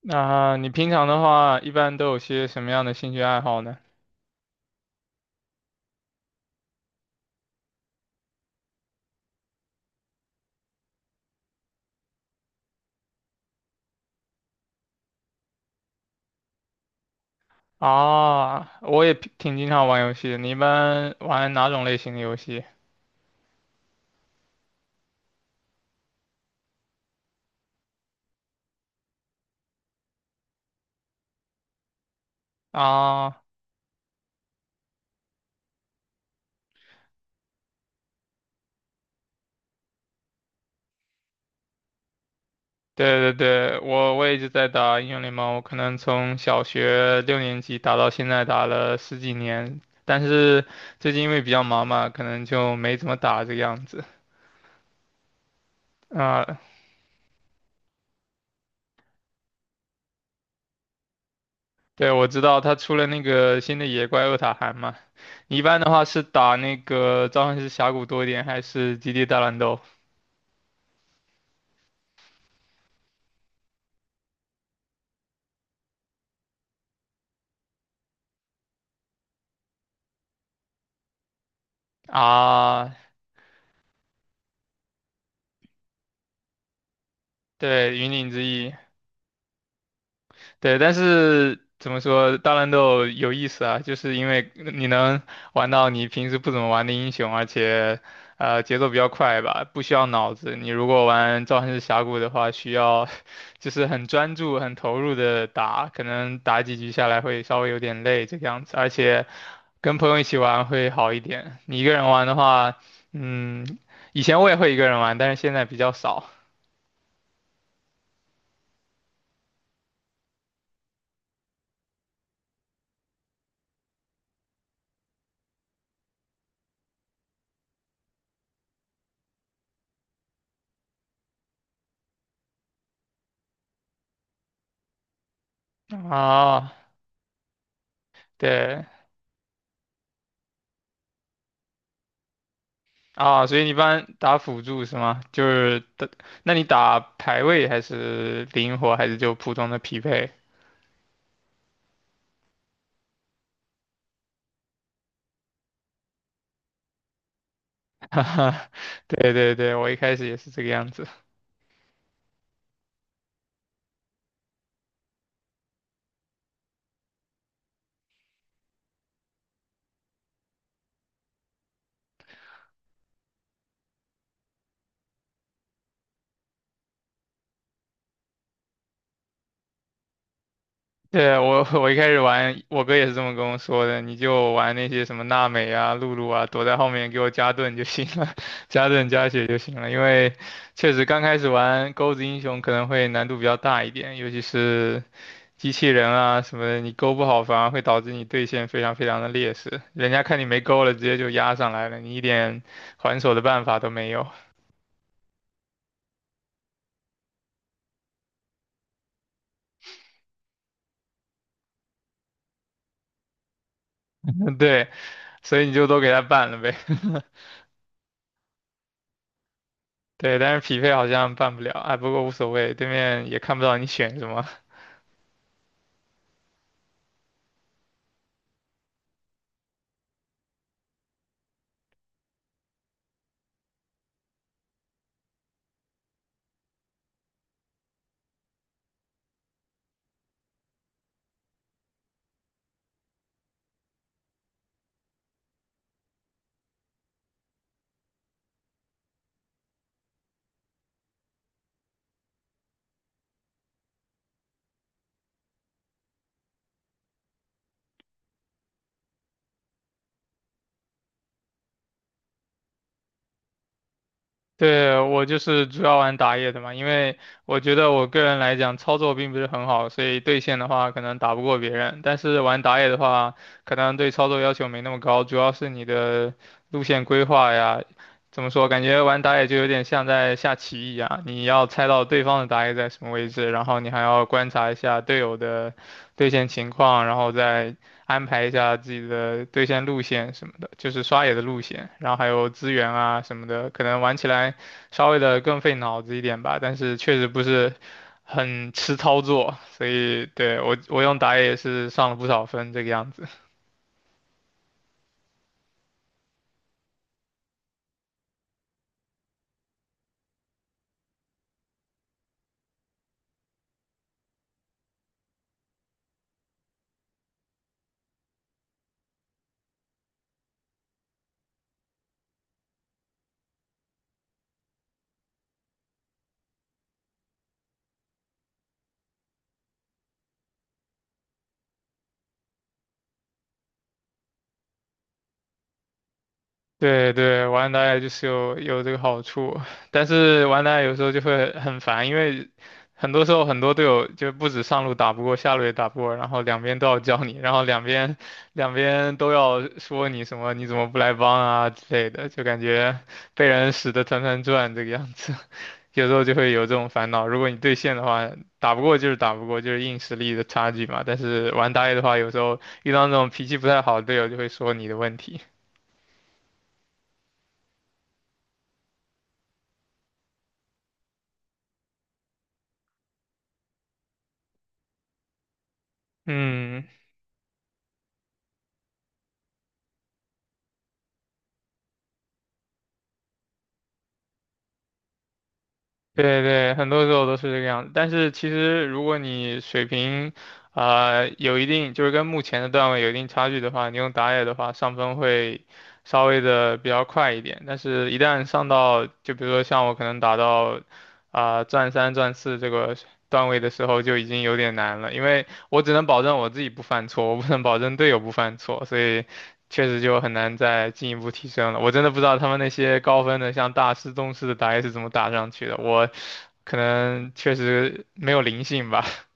那你平常的话，一般都有些什么样的兴趣爱好呢？啊，我也挺经常玩游戏的。你一般玩哪种类型的游戏？啊，对对对，我一直在打英雄联盟，我可能从小学六年级打到现在，打了十几年。但是最近因为比较忙嘛，可能就没怎么打这个样子。啊，对，我知道他出了那个新的野怪厄塔韩嘛。你一般的话是打那个召唤师峡谷多一点，还是极地大乱斗？啊，对，云顶之弈，对，但是怎么说，大乱斗有意思啊，就是因为你能玩到你平时不怎么玩的英雄，而且节奏比较快吧，不需要脑子。你如果玩召唤师峡谷的话，需要 就是很专注、很投入的打，可能打几局下来会稍微有点累这个样子，而且跟朋友一起玩会好一点。你一个人玩的话，嗯，以前我也会一个人玩，但是现在比较少。啊，对，啊，所以你一般打辅助是吗？就是打，那你打排位还是灵活，还是就普通的匹配？哈哈，对对对，我一开始也是这个样子。对，我一开始玩，我哥也是这么跟我说的，你就玩那些什么娜美啊、露露啊，躲在后面给我加盾就行了，加盾加血就行了。因为确实刚开始玩钩子英雄可能会难度比较大一点，尤其是机器人啊什么的，你勾不好反而会导致你对线非常非常的劣势，人家看你没勾了，直接就压上来了，你一点还手的办法都没有。对，所以你就都给他办了呗。对，但是匹配好像办不了，哎，不过无所谓，对面也看不到你选什么。对，我就是主要玩打野的嘛，因为我觉得我个人来讲操作并不是很好，所以对线的话可能打不过别人，但是玩打野的话，可能对操作要求没那么高，主要是你的路线规划呀。怎么说？感觉玩打野就有点像在下棋一样，你要猜到对方的打野在什么位置，然后你还要观察一下队友的对线情况，然后再安排一下自己的对线路线什么的，就是刷野的路线，然后还有资源啊什么的，可能玩起来稍微的更费脑子一点吧，但是确实不是很吃操作，所以对我我用打野也是上了不少分这个样子。对对，玩打野就是有这个好处，但是玩打野有时候就会很烦，因为很多时候很多队友就不止上路打不过，下路也打不过，然后两边都要教你，然后两边都要说你什么你怎么不来帮啊之类的，就感觉被人使得团团转这个样子，有时候就会有这种烦恼。如果你对线的话，打不过就是打不过，就是硬实力的差距嘛。但是玩打野的话，有时候遇到那种脾气不太好的队友，就会说你的问题。嗯，对对，很多时候都是这个样子。但是其实，如果你水平，啊有一定，就是跟目前的段位有一定差距的话，你用打野的话，上分会稍微的比较快一点。但是，一旦上到，就比如说像我可能打到，啊、钻三、钻四这个段位的时候，就已经有点难了，因为我只能保证我自己不犯错，我不能保证队友不犯错，所以确实就很难再进一步提升了。我真的不知道他们那些高分的，像大师、宗师的打野是怎么打上去的。我可能确实没有灵性吧。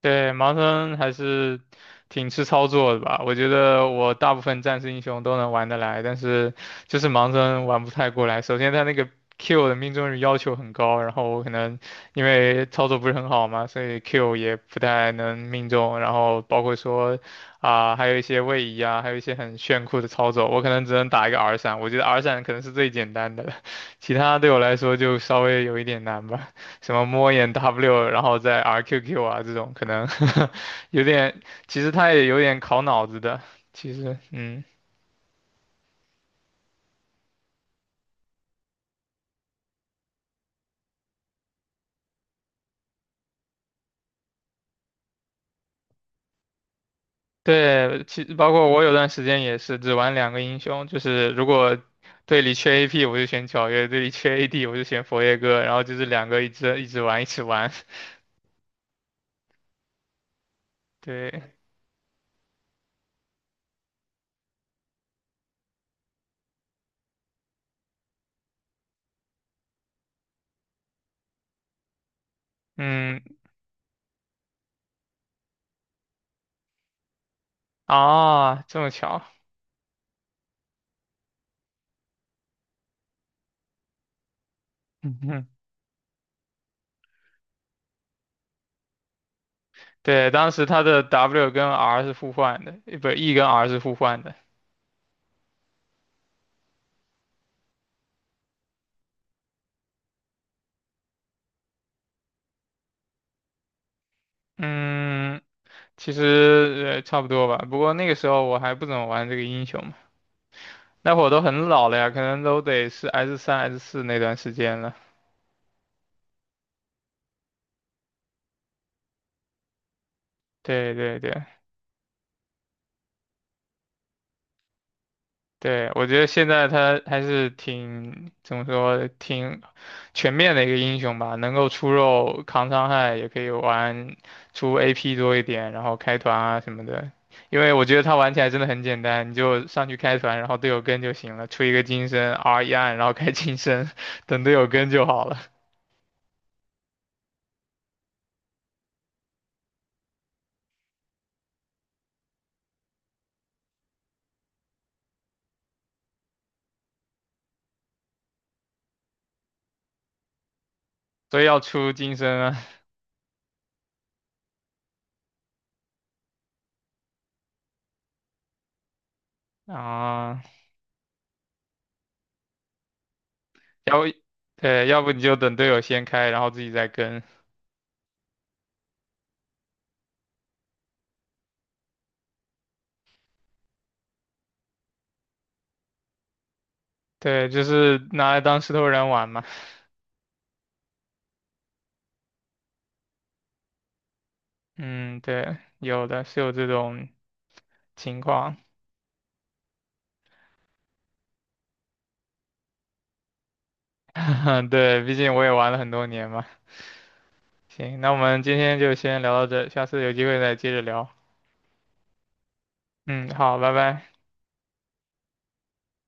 对，盲僧还是挺吃操作的吧？我觉得我大部分战士英雄都能玩得来，但是就是盲僧玩不太过来。首先他那个 Q 的命中率要求很高，然后我可能因为操作不是很好嘛，所以 Q 也不太能命中。然后包括说啊、还有一些位移啊，还有一些很炫酷的操作，我可能只能打一个 R 闪。我觉得 R 闪可能是最简单的了，其他对我来说就稍微有一点难吧。什么摸眼 W，然后再 RQQ 啊这种，可能 有点，其实他也有点考脑子的。其实，嗯，对，其实包括我有段时间也是只玩两个英雄，就是如果队里缺 AP 我就选皎月，队里缺 AD 我就选佛耶哥，然后就是两个一直玩一起玩。对，嗯，啊，这么巧。嗯哼对，当时他的 W 跟 R 是互换的，不，E 跟 R 是互换的。嗯。其实差不多吧，不过那个时候我还不怎么玩这个英雄嘛，那会儿都很老了呀，可能都得是 S 三 S 四那段时间了。对对对对，我觉得现在他还是挺怎么说，挺全面的一个英雄吧，能够出肉扛伤害，也可以玩出 AP 多一点，然后开团啊什么的。因为我觉得他玩起来真的很简单，你就上去开团，然后队友跟就行了，出一个金身 R 一按，然后开金身，等队友跟就好了。所以要出金身啊，啊，要对，要不你就等队友先开，然后自己再跟，对，就是拿来当石头人玩嘛，嗯，对，有的是有这种情况，对，毕竟我也玩了很多年嘛，行，那我们今天就先聊到这，下次有机会再接着聊，嗯，好，拜拜。